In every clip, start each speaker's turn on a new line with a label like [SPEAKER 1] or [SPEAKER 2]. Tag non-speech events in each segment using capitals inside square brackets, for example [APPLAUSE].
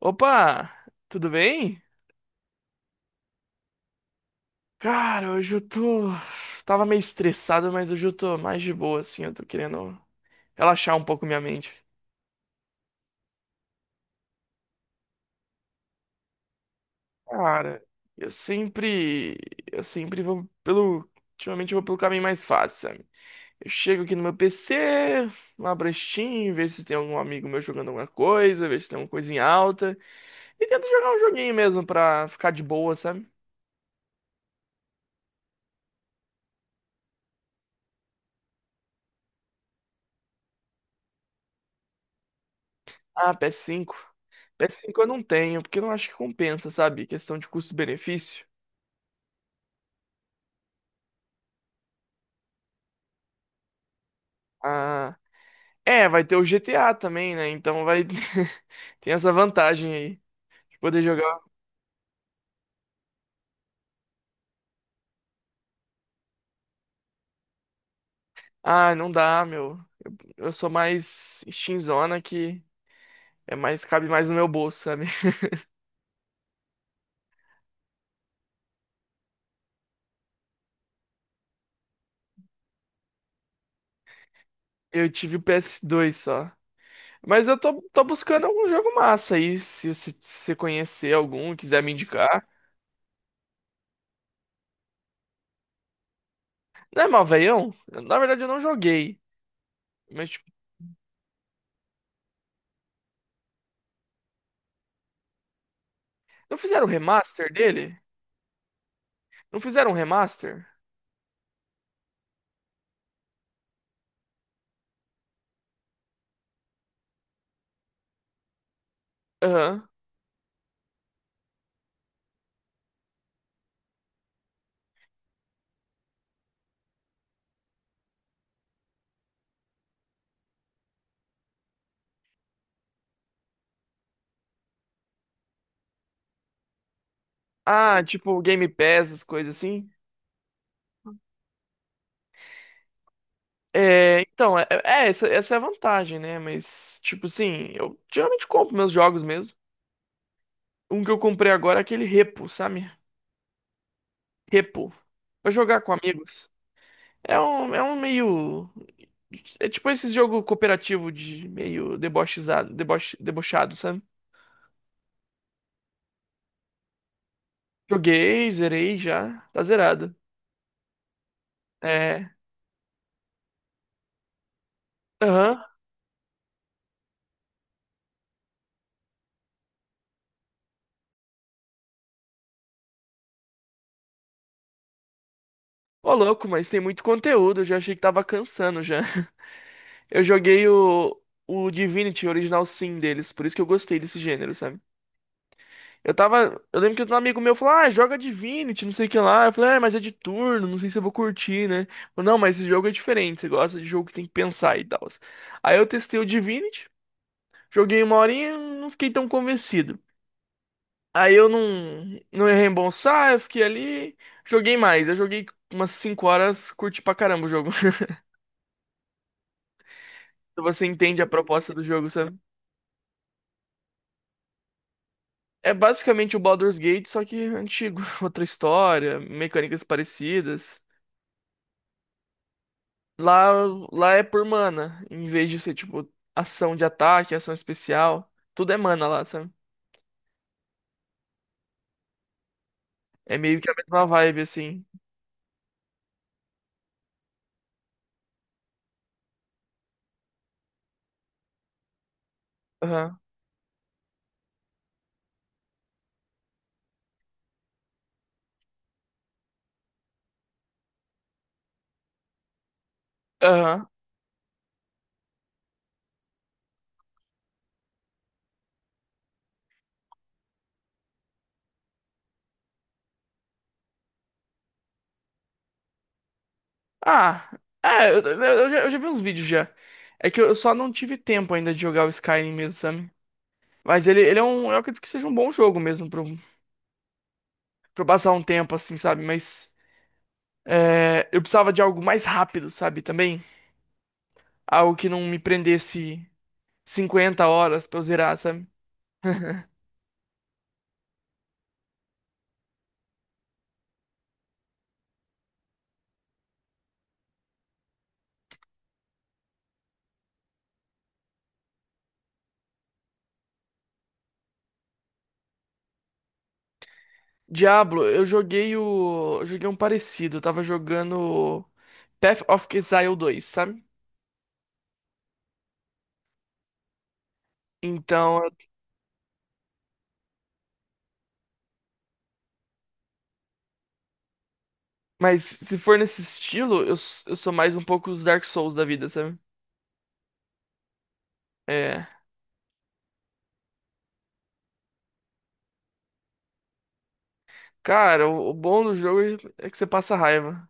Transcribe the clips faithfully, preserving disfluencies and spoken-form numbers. [SPEAKER 1] Opa, tudo bem? Cara, hoje eu tô. Tava meio estressado, mas hoje eu tô mais de boa, assim. Eu tô querendo relaxar um pouco minha mente. Cara, eu sempre. Eu sempre vou pelo. ultimamente eu vou pelo caminho mais fácil, sabe? Eu chego aqui no meu P C, abro a Steam, ver se tem algum amigo meu jogando alguma coisa, ver se tem alguma coisa em alta. E tento jogar um joguinho mesmo pra ficar de boa, sabe? Ah, P S cinco. Ps cinco P S cinco eu não tenho, porque eu não acho que compensa, sabe? Questão de custo-benefício. Ah, é, vai ter o G T A também, né? Então vai [LAUGHS] tem essa vantagem aí de poder jogar. Ah, não dá, meu. Eu sou mais shinzona que é mais cabe mais no meu bolso, sabe? [LAUGHS] Eu tive o P S dois só. Mas eu tô, tô buscando algum jogo massa aí, se você se você conhecer algum, quiser me indicar. Não é mal, velhão? Na verdade eu não joguei, mas tipo, não fizeram um remaster dele? Não fizeram um remaster? Aham. Ah, tipo Game Pass, as coisas assim. É, então, é, é, essa, essa é a vantagem, né? Mas, tipo assim, eu geralmente compro meus jogos mesmo. Um que eu comprei agora é aquele Repo, sabe? Repo. Pra jogar com amigos. É um, é um meio. É tipo esse jogo cooperativo de meio debochizado, deboche, debochado, sabe? Joguei, zerei já. Tá zerado. É. Aham. Ô, louco, mas tem muito conteúdo. Eu já achei que tava cansando já. [LAUGHS] Eu joguei o, o Divinity Original Sin deles, por isso que eu gostei desse gênero, sabe? Eu tava. Eu lembro que um amigo meu falou: Ah, joga Divinity, não sei o que lá. Eu falei: Ah, mas é de turno, não sei se eu vou curtir, né? Falei, não, mas esse jogo é diferente, você gosta de jogo que tem que pensar e tal. Aí eu testei o Divinity, joguei uma horinha, não fiquei tão convencido. Aí eu não, não ia reembolsar, eu fiquei ali, joguei mais. Eu joguei umas cinco horas, curti pra caramba o jogo. [LAUGHS] Você entende a proposta do jogo, sabe? É basicamente o Baldur's Gate, só que antigo, [LAUGHS] outra história, mecânicas parecidas. Lá, lá é por mana, em vez de ser tipo ação de ataque, ação especial, tudo é mana lá, sabe? É meio que a mesma vibe assim. Aham. Aham. Ah, é, eu, eu- eu já, eu já vi uns vídeos já. É que eu eu só não tive tempo ainda de jogar o Skyrim mesmo, sabe? Mas ele, ele é um. Eu acredito que seja um bom jogo mesmo pra, eu- pra eu passar um tempo assim, sabe? Mas é, eu precisava de algo mais rápido, sabe? Também. Algo que não me prendesse cinquenta horas pra eu zerar, sabe? Diablo, eu joguei o. eu Joguei um parecido. Eu tava jogando Path of Exile dois, sabe? Então. eu- Mas se for nesse estilo, eu, s- eu sou mais um pouco os Dark Souls da vida, sabe? É. Cara, o, o bom do jogo é que você passa raiva.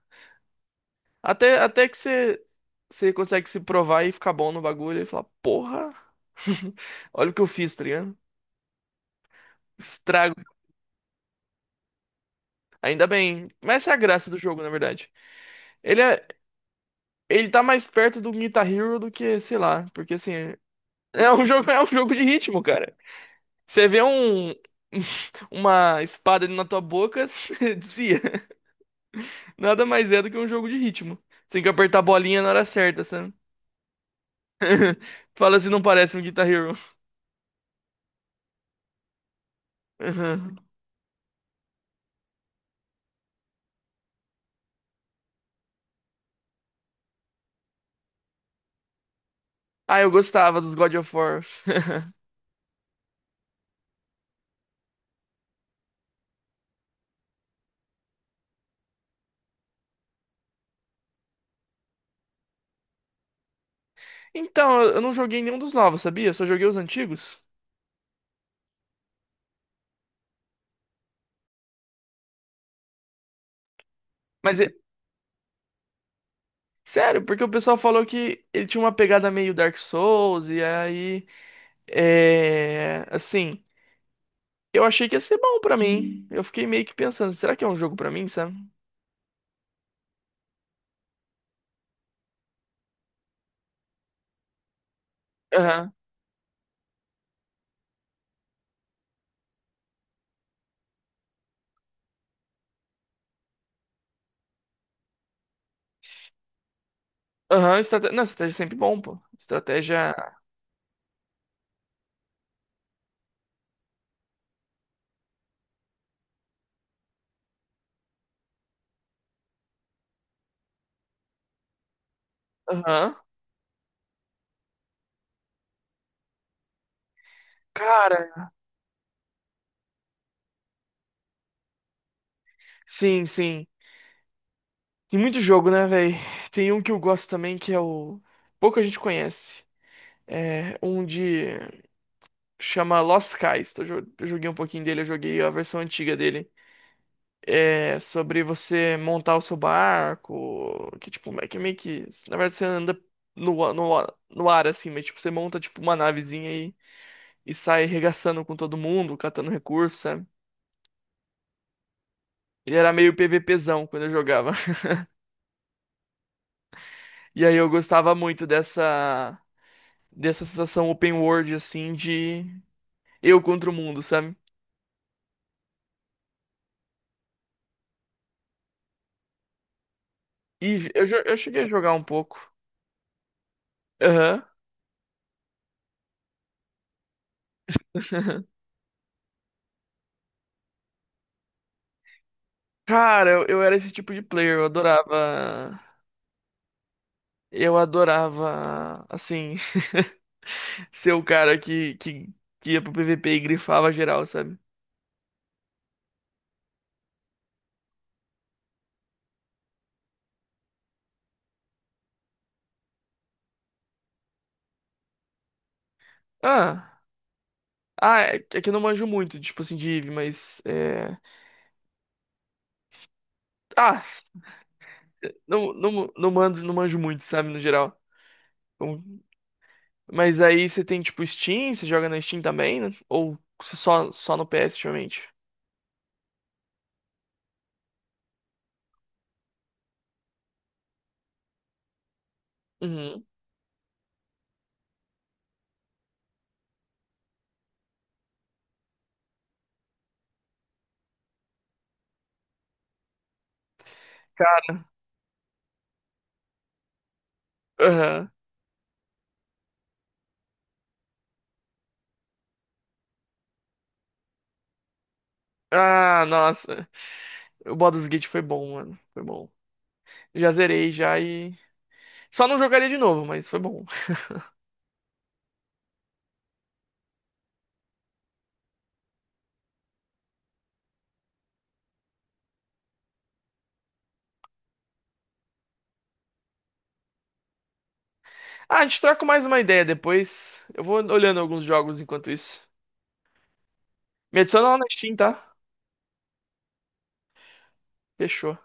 [SPEAKER 1] Até, até que você, você consegue se provar e ficar bom no bagulho e falar, porra, [LAUGHS] olha o que eu fiz, tá ligado? Estrago. Ainda bem. Mas essa é a graça do jogo, na verdade. Ele é, Ele tá mais perto do Guitar Hero do que, sei lá, porque assim, é um jogo, é um jogo de ritmo, cara. Você vê um [LAUGHS] uma espada indo na tua boca, [LAUGHS] você desvia. Nada mais é do que um jogo de ritmo. Você tem que apertar a bolinha na hora certa, sabe? [LAUGHS] Fala se não parece um Guitar Hero. Aham. Ah, eu gostava dos God of War. [LAUGHS] Então, eu eu não joguei nenhum dos novos, sabia? Eu só joguei os antigos. Mas, é- sério, porque o pessoal falou que ele tinha uma pegada meio Dark Souls, e aí é, assim, eu achei que ia ser bom pra mim. Eu fiquei meio que pensando, será que é um jogo pra mim, sabe? Aham. Aham, estratégia. Não, estratégia é sempre bom, pô. Estratégia. Aham. Cara, sim, sim. Tem muito jogo, né, velho? [LAUGHS] Tem um que eu gosto também que é o. Pouca gente conhece. É um de. Chama Lost Skies. Tô jo- Eu joguei um pouquinho dele, eu joguei a versão antiga dele. É, sobre você montar o seu barco, que tipo, é que meio que, na verdade você anda no, a- no, a- no ar assim, mas tipo, você monta tipo uma navezinha e, e sai regaçando com todo mundo, catando recursos, sabe? Ele era meio PVPzão quando eu jogava. [LAUGHS] E aí eu gostava muito dessa dessa sensação open world assim de eu contra o mundo, sabe? E eu, jo- eu cheguei a jogar um pouco. Aham. [LAUGHS] Cara, eu, eu era esse tipo de player, eu adorava. Eu adorava, assim, [LAUGHS] ser o cara que, que, que ia pro P V P e grifava geral, sabe? Ah, ah, é, que é que eu não manjo muito, tipo assim, de Eve, mas. É... Ah, não, não, não, mando, não manjo muito, sabe, no geral. Então, mas aí você tem, tipo, Steam, você joga na Steam também, né? Ou você só, só no P S, ultimamente? Uhum. Aham. Ah, nossa. O Baldur's Gate foi bom, mano. Foi bom. Já zerei já e. Só não jogaria de novo, mas foi bom. Ah, a gente troca mais uma ideia depois. Eu vou olhando alguns jogos enquanto isso. Me adiciona lá na Steam, tá? Fechou.